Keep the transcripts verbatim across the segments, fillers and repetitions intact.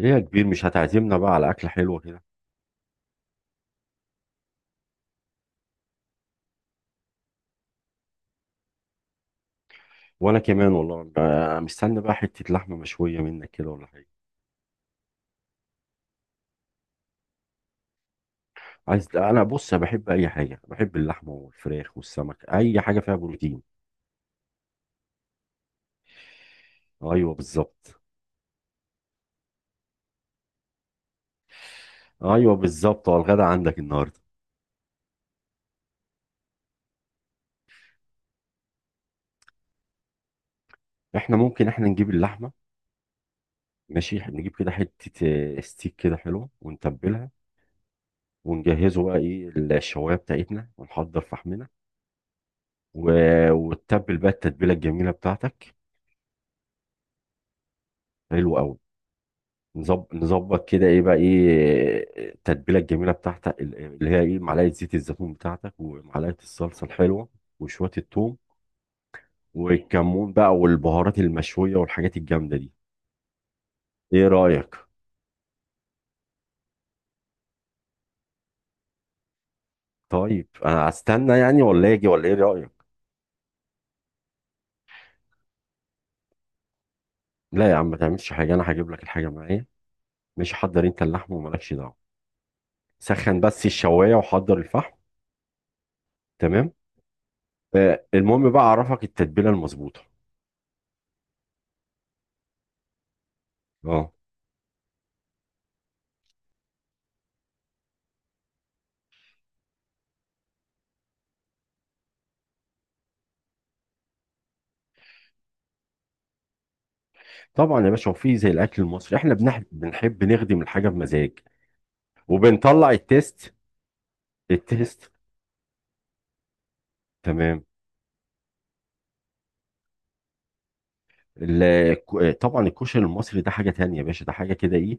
ليه يا كبير مش هتعزمنا بقى على أكلة حلوة كده. وأنا كمان والله. آه، مستني بقى حتة لحمة مشوية منك كده ولا حاجة. عايز، أنا بص أنا بحب أي حاجة، بحب اللحمة والفراخ والسمك، أي حاجة فيها بروتين. أيوه بالظبط. أيوه بالظبط، هو الغدا عندك النهاردة؟ إحنا ممكن إحنا نجيب اللحمة. ماشي، نجيب كده حتة آه، ستيك كده حلوة ونتبلها، ونجهزه بقى إيه الشواية بتاعتنا ونحضر فحمنا و... وتتبل بقى التتبيلة الجميلة بتاعتك. حلو أوي. نظب- نظبط كده ايه بقى، ايه التتبيله الجميله بتاعتك، ال- اللي هي ايه، معلقه زيت الزيتون بتاعتك، ومعلقه الصلصه الحلوه، وشويه الثوم، والكمون بقى، والبهارات المشويه، والحاجات الجامده دي. ايه رايك؟ طيب انا استنى يعني، ولا اجي، ولا ايه رايك؟ لا يا عم، ما تعملش حاجه، انا هجيب لك الحاجه معايا. مش حضر انت اللحم، ومالكش دعوه، سخن بس الشوايه وحضر الفحم. تمام. آه، المهم بقى اعرفك التتبيله المظبوطه. اه طبعا يا باشا، وفي زي الاكل المصري، احنا بنحب بنحب نخدم الحاجه بمزاج، وبنطلع التيست. التيست. تمام. ال- ك- طبعا الكشري المصري ده حاجه تانية يا باشا، ده حاجه كده ايه،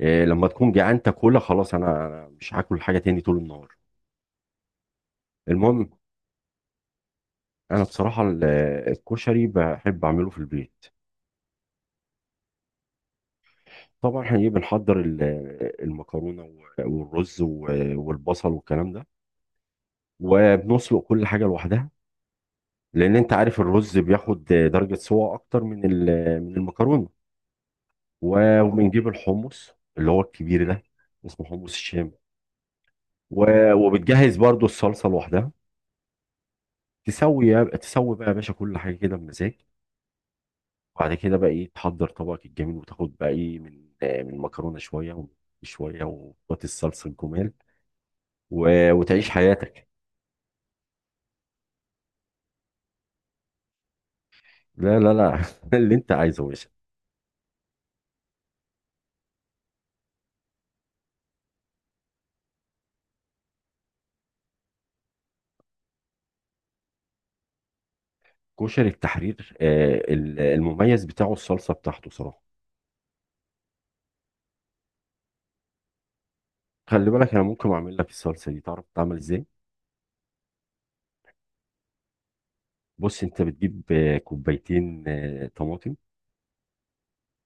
آه، لما تكون جعان تاكلها خلاص، انا أنا مش هاكل حاجه تاني طول النهار. المهم، انا بصراحه ال- الكشري بحب اعمله في البيت. طبعا احنا ايه، بنحضر ال- المكرونه، والرز، والبصل، والكلام ده، وبنسلق كل حاجه لوحدها، لان انت عارف الرز بياخد درجه سوا اكتر من ال- من المكرونه، و- وبنجيب الحمص اللي هو الكبير ده، اسمه حمص الشام. و- وبتجهز برضو الصلصه لوحدها. تسوي يا- تسوي بقى يا باشا كل حاجه كده بمزاج، وبعد كده بقى ايه تحضر طبقك الجميل، وتاخد بقى ايه من آه، من المكرونه شويه ومن شويه، وتحط الصلصه الجمال، و- وتعيش حياتك. لا لا لا اللي انت عايزه يا باشا. كشري التحرير، آه، ال- المميز بتاعه الصلصه بتاعته صراحه. خلي بالك، انا ممكن اعمل لك الصلصه دي، تعرف تعمل ازاي؟ بص، انت بتجيب آه، كوبايتين آه، طماطم،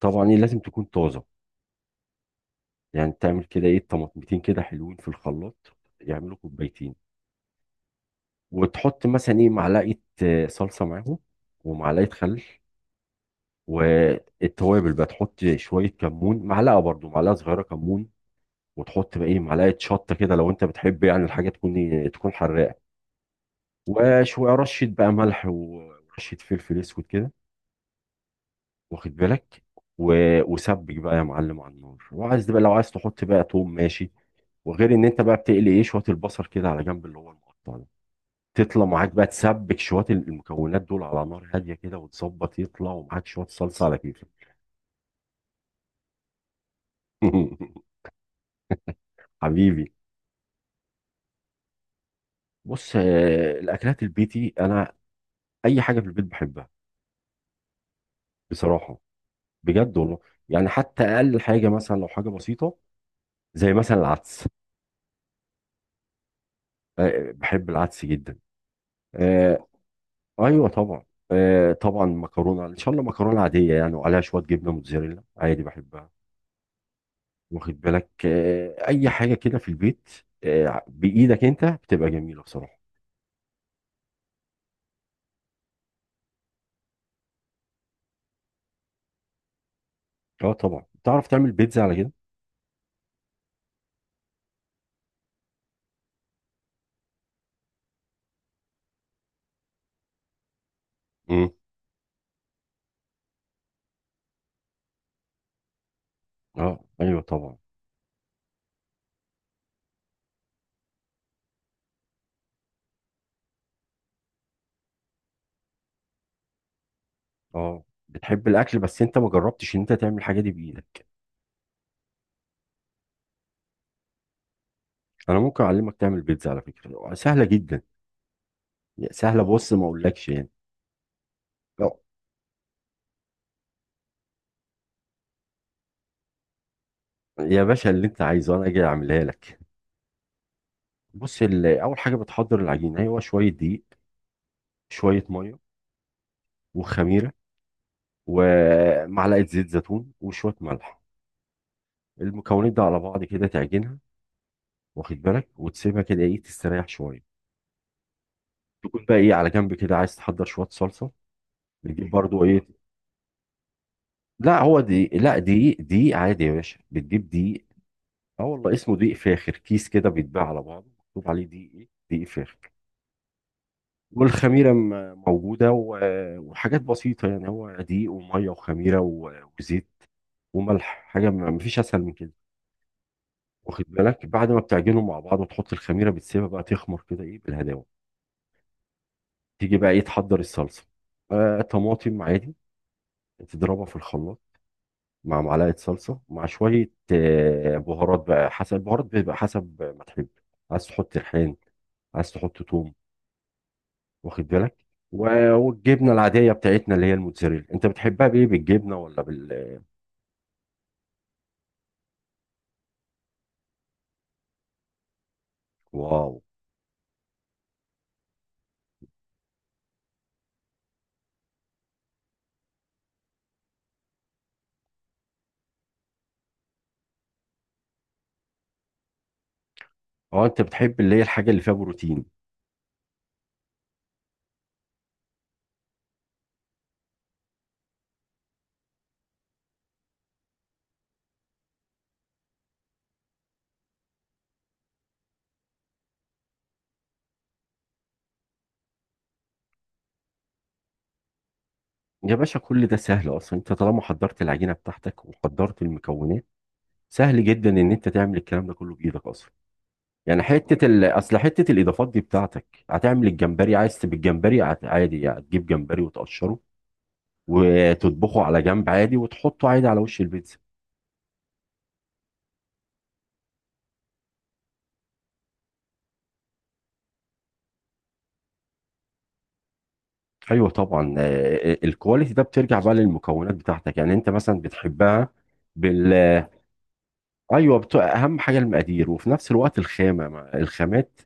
طبعا ايه لازم تكون طازه، يعني تعمل كده ايه طماطمتين كده حلوين في الخلاط، يعملوا كوبايتين، وتحط مثلا ايه معلقه آه، صلصه معاهم، ومعلقه خل، والتوابل بقى، تحط شويه كمون، معلقه برضو معلقه صغيره كمون، وتحط بقى ايه معلقه شطه كده لو انت بتحب، يعني الحاجه تكون إيه، تكون حراقه، وشويه رشه بقى ملح ورشه فلفل اسود كده، واخد بالك. و... وسبك بقى يا معلم على النار، وعايز بقى لو عايز تحط بقى توم ماشي، وغير ان انت بقى بتقلي ايه شويه البصل كده على جنب اللي هو المقطع ده، تطلع معاك بقى تسبك شويه المكونات دول على نار هاديه كده، وتظبط يطلع ومعاك شويه صلصه على كيفك. حبيبي. بص، آه، الاكلات البيتي، انا اي حاجه في البيت بحبها بصراحه، بجد والله. يعني حتى اقل حاجه مثلا، لو حاجه بسيطه زي مثلا العدس، آه، بحب العدس جدا. آه، ايوه طبعا. آه طبعا مكرونه ان شاء الله، مكرونه عاديه يعني وعليها شويه جبنه موتزاريلا، عادي بحبها. واخد بالك، آه اي حاجه كده في البيت، آه بايدك انت بتبقى جميله بصراحه. اه طبعا، تعرف تعمل بيتزا على كده؟ امم اه ايوه طبعا. اه بتحب الاكل، بس انت ما جربتش ان انت تعمل الحاجه دي بايدك. انا ممكن اعلمك تعمل بيتزا، على فكره سهله جدا. سهله، بص ما اقولكش يعني. آه، يا باشا اللي انت عايزه انا اجي اعملها لك. بص، ال- اول حاجه بتحضر العجينه، هو شويه دقيق، شوية مية، وخميرة، ومعلقة زيت زيتون، وشوية ملح. المكونات دي على بعض كده تعجنها، واخد بالك، وتسيبها كده ايه تستريح شوية، تكون بقى ايه على جنب كده، عايز تحضر شوية صلصة. بتجيب برضو ايه، لا هو دقيق، لا دقيق دقيق عادي يا باشا، بتجيب دقيق. اه والله اسمه دقيق فاخر، كيس كده بيتباع على بعضه، مكتوب عليه دقيق ايه دقيق فاخر. والخميرة م- موجودة، و- وحاجات بسيطة يعني، هو دقيق ومية وخميرة و- وزيت وملح، حاجة ما فيش أسهل من كده. واخد بالك، بعد ما بتعجنهم مع بعض وتحط الخميره، بتسيبها بقى تخمر كده ايه بالهداوه. تيجي بقى ايه تحضر الصلصه، آه طماطم عادي، تضربها في الخلاط مع معلقه صلصه، مع شويه آه بهارات بقى حسب، البهارات بيبقى حسب ما تحب، عاز تحط ريحان، عايز تحط توم، واخد بالك. و- والجبنه العاديه بتاعتنا اللي هي الموتزاريلا، انت بتحبها بايه، بالجبنه ولا بال؟ واو. اه، انت بتحب اللي هي الحاجه اللي فيها بروتين. يا باشا كل ده سهل اصلا، انت طالما حضرت العجينه بتاعتك وحضرت المكونات، سهل جدا ان انت تعمل الكلام ده كله بايدك اصلا. يعني حته ال... اصل حته الاضافات دي بتاعتك هتعمل الجمبري، عايز تبقى الجمبري، هت- عادي يعني هتجيب جمبري وتقشره، وتطبخه على جنب عادي، وتحطه عادي على وش البيتزا. ايوه طبعا، آه، آه، الكواليتي ده بترجع بقى للمكونات بتاعتك، يعني انت مثلا بتحبها بال. ايوه بت... اهم حاجه المقادير، وفي نفس الوقت الخامه ما- الخامات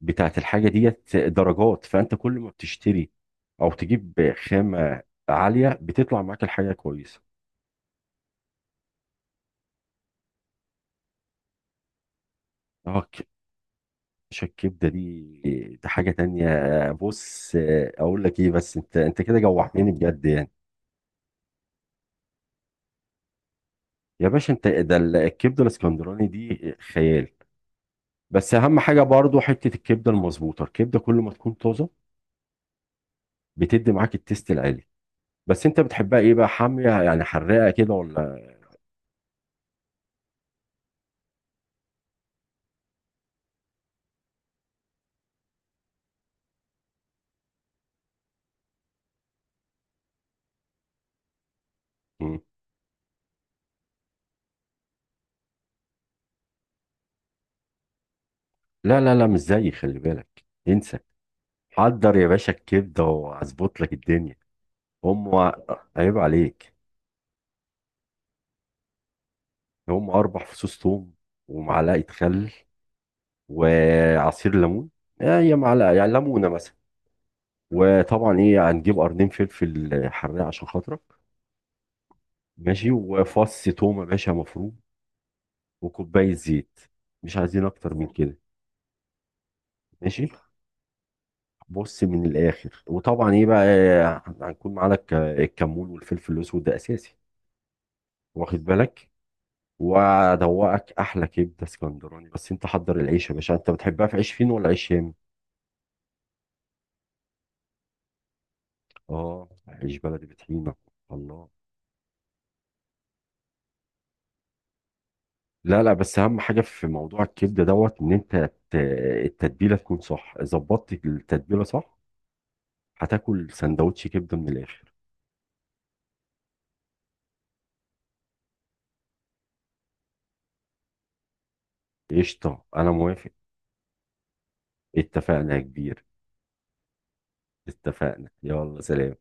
بتاعت الحاجه، ديت درجات، فانت كل ما بتشتري او تجيب خامه عاليه، بتطلع معاك الحاجه كويسه. اه، كبشه الكبده دي، دي حاجه تانية. بص، آه، اقول لك ايه، بس انت انت كده جوعتني بجد يعني. يا باشا انت ده ال- الكبده الاسكندراني دي خيال. بس اهم حاجه برضو حته الكبده المظبوطه، الكبده كل ما تكون طازه، بتدي معاك التيست العالي. بس انت بتحبها ايه بقى، حاميه يعني حراقه كده، ولا؟ مم. لا لا لا مش زيي، خلي بالك انسى. حضر يا باشا الكبده واظبط لك الدنيا. هم عيب عليك. هم اربع فصوص ثوم، ومعلقه خل، وعصير ليمون، آه، هي معلقه يعني، ليمونه مثلا، وطبعا ايه هنجيب قرنين فلفل حراق عشان خاطرك، ماشي، وفص تومه باشا مفروم، وكوبايه زيت، مش عايزين اكتر من كده. ماشي، بص من الاخر، وطبعا ايه بقى آه، هنكون معانا الك- الكمون والفلفل الاسود، ده اساسي، واخد بالك، وادوقك احلى كبده اسكندراني. بس انت حضر العيش يا باشا، انت بتحبها في عيش فين، ولا عيش شام؟ اه عيش بلدي بطحينه. الله. لا لا، بس اهم حاجه في موضوع الكبده دوت، ان انت ت- التتبيله تكون صح، ظبطت التتبيله صح، هتاكل سندوتش كبده من الاخر. قشطه انا موافق. اتفقنا يا كبير. اتفقنا، يلا سلام.